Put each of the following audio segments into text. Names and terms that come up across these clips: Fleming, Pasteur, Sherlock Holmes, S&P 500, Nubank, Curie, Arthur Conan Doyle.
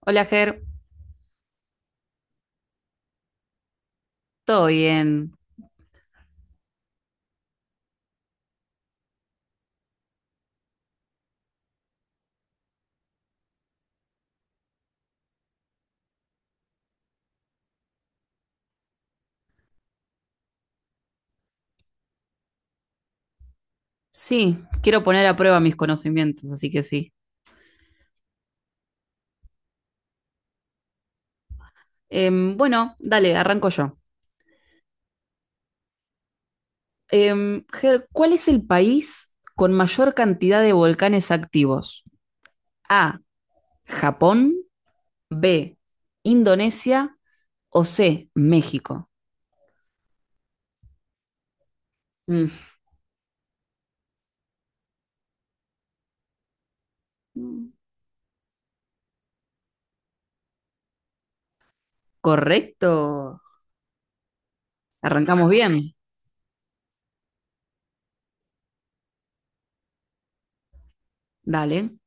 Hola, Ger. ¿Todo bien? Sí, quiero poner a prueba mis conocimientos, así que sí. Bueno, dale, arranco yo. Ger, ¿cuál es el país con mayor cantidad de volcanes activos? A, Japón; B, Indonesia; o C, México. Mm. Correcto. Arrancamos bien. Dale.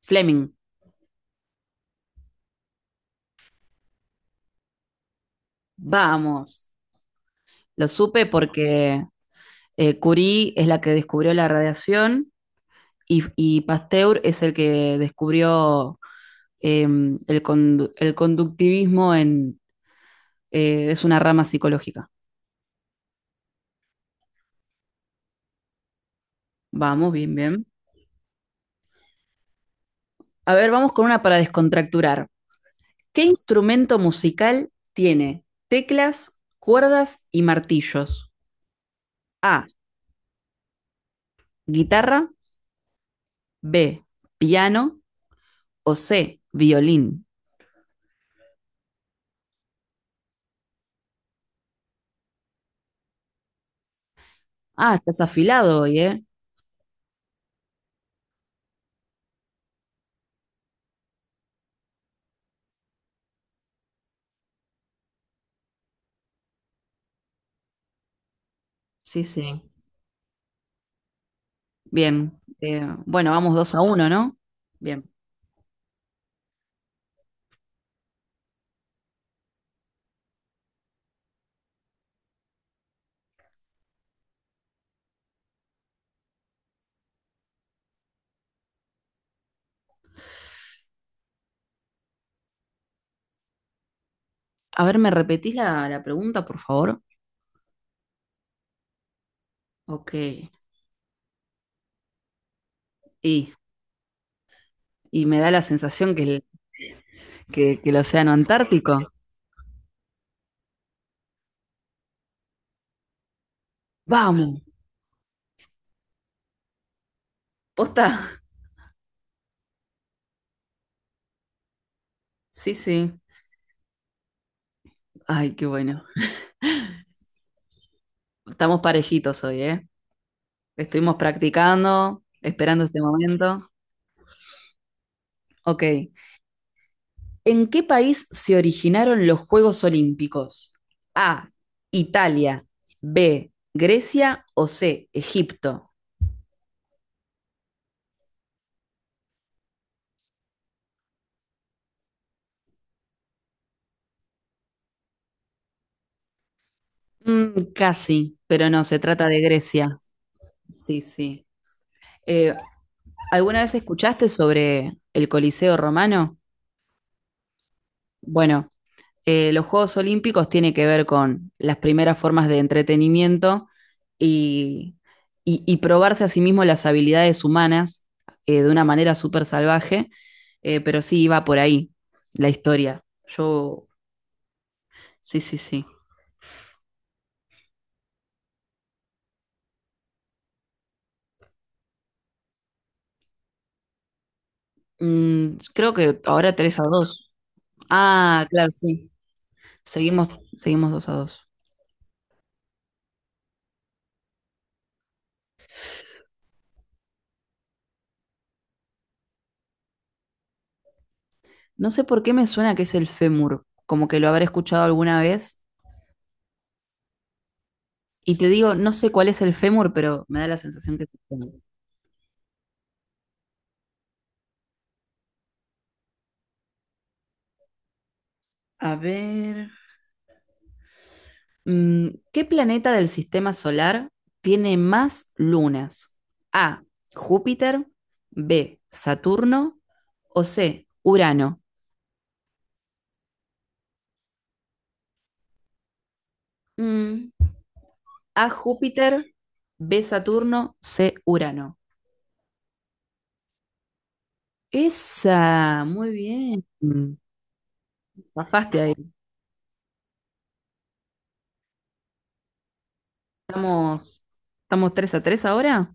Fleming. Vamos. Lo supe porque Curie es la que descubrió la radiación, y Pasteur es el que descubrió, eh, el conductivismo en, es una rama psicológica. Vamos, bien, bien. A ver, vamos con una para descontracturar. ¿Qué instrumento musical tiene teclas, cuerdas y martillos? A, guitarra; B, piano; o C, violín. Ah, estás afilado hoy, ¿eh? Sí, sí. Bien. Bueno, vamos dos a uno, ¿no? Bien. A ver, ¿me repetís la pregunta, por favor? Ok. Y, y me da la sensación que que el océano Antártico. Vamos, posta. Sí, sí. Ay, qué bueno. Estamos parejitos hoy, ¿eh? Estuvimos practicando, esperando este momento. Ok. ¿En qué país se originaron los Juegos Olímpicos? A, Italia; B, Grecia; o C, Egipto. Mm, casi, pero no, se trata de Grecia. Sí, sí. Eh, ¿Alguna vez escuchaste sobre el Coliseo Romano? Bueno, los Juegos Olímpicos tienen que ver con las primeras formas de entretenimiento y, y probarse a sí mismo las habilidades humanas, de una manera súper salvaje, pero sí iba por ahí la historia. Yo, sí, sí, sí. Mm, creo que ahora 3 a 2. Ah, claro, sí. Seguimos, seguimos 2 a 2. No sé por qué me suena que es el fémur, como que lo habré escuchado alguna vez. Y te digo, no sé cuál es el fémur, pero me da la sensación que es el fémur. A ver, mm, ¿qué planeta del sistema solar tiene más lunas? A, Júpiter; B, Saturno; o C, Urano. Mm, A, Júpiter; B, Saturno; C, Urano. Esa, muy bien. Bajaste ahí. Estamos, estamos 3 a 3 ahora.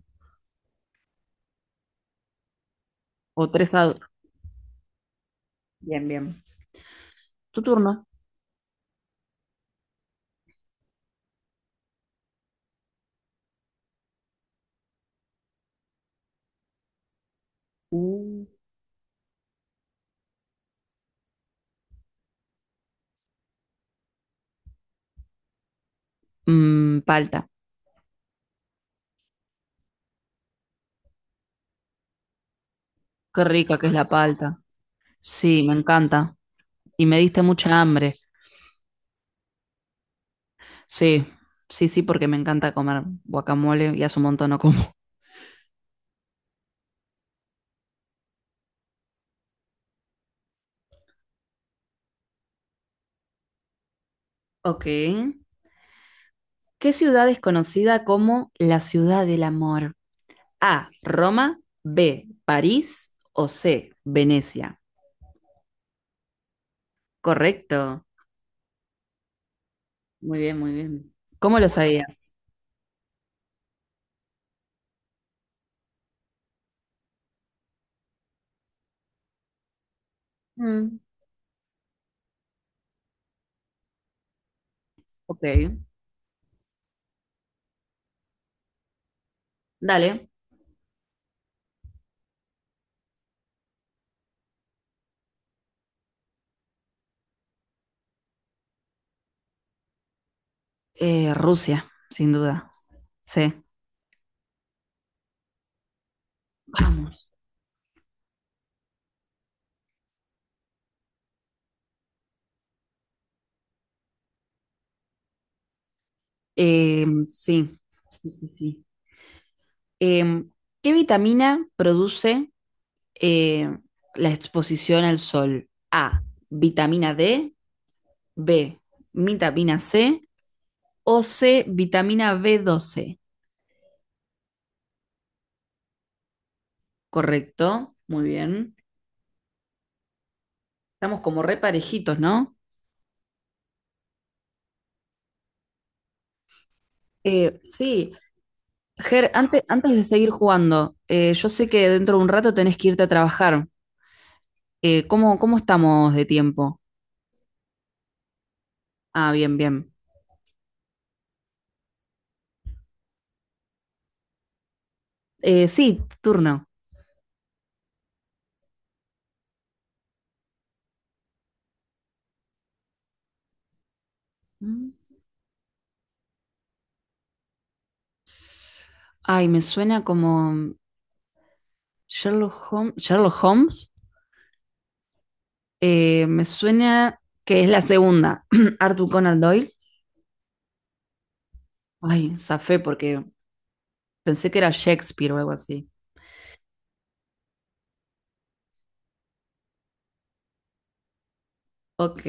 O 3 a 2. Bien, bien. Tu turno. Uh, Mm, palta. Qué rica que es la palta. Sí, me encanta. Y me diste mucha hambre. Sí, sí, sí, porque me encanta comer guacamole y hace un montón no como. Ok. ¿Qué ciudad es conocida como la ciudad del amor? A, Roma; B, París; o C, Venecia. Correcto. Muy bien, muy bien. ¿Cómo lo sabías? Mm. Ok. Dale. Rusia, sin duda. Sí, vamos. Sí, sí, sí, sí. Em, ¿Qué vitamina produce eh, la exposición al sol? A, vitamina D; B, vitamina C; o C, vitamina b doce. Correcto, muy bien. Estamos como re parejitos, ¿no? Sí, Ger, antes de seguir jugando, yo sé que dentro de un rato tenés que irte a trabajar. ¿Cómo estamos de tiempo? Ah, bien, bien. Sí, turno. Mm. Ay, me suena como Sherlock Holmes. Sherlock Holmes. Me suena que es la segunda. Arthur Conan Doyle. Ay, zafé porque pensé que era Shakespeare o algo así. Ok.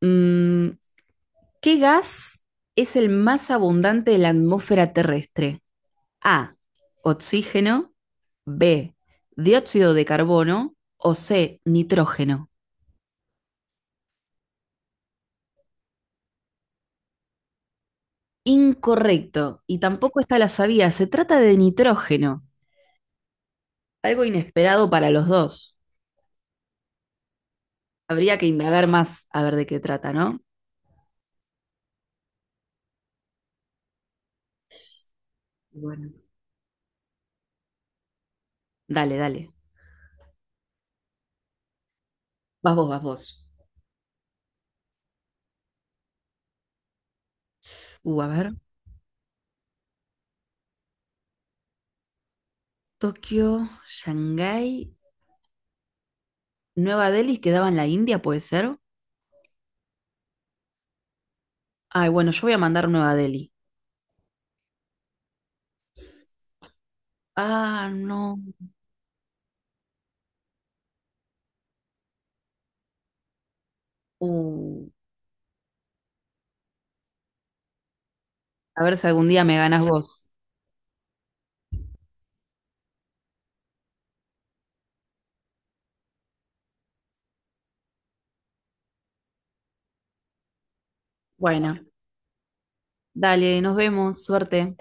Mm, ¿qué gas es el más abundante de la atmósfera terrestre? A, oxígeno. B, dióxido de carbono. O C, nitrógeno. Incorrecto, y tampoco está la sabía, se trata de nitrógeno, algo inesperado para los dos. Habría que indagar más a ver de qué trata, ¿no? Bueno, dale, dale. Vas vos. A ver. Tokio, Shanghái, Nueva Delhi quedaba en la India, ¿puede ser? Ay, bueno, yo voy a mandar Nueva Delhi. Ah, no. Uh, a ver si algún día me ganas vos. Bueno, dale, nos vemos, suerte.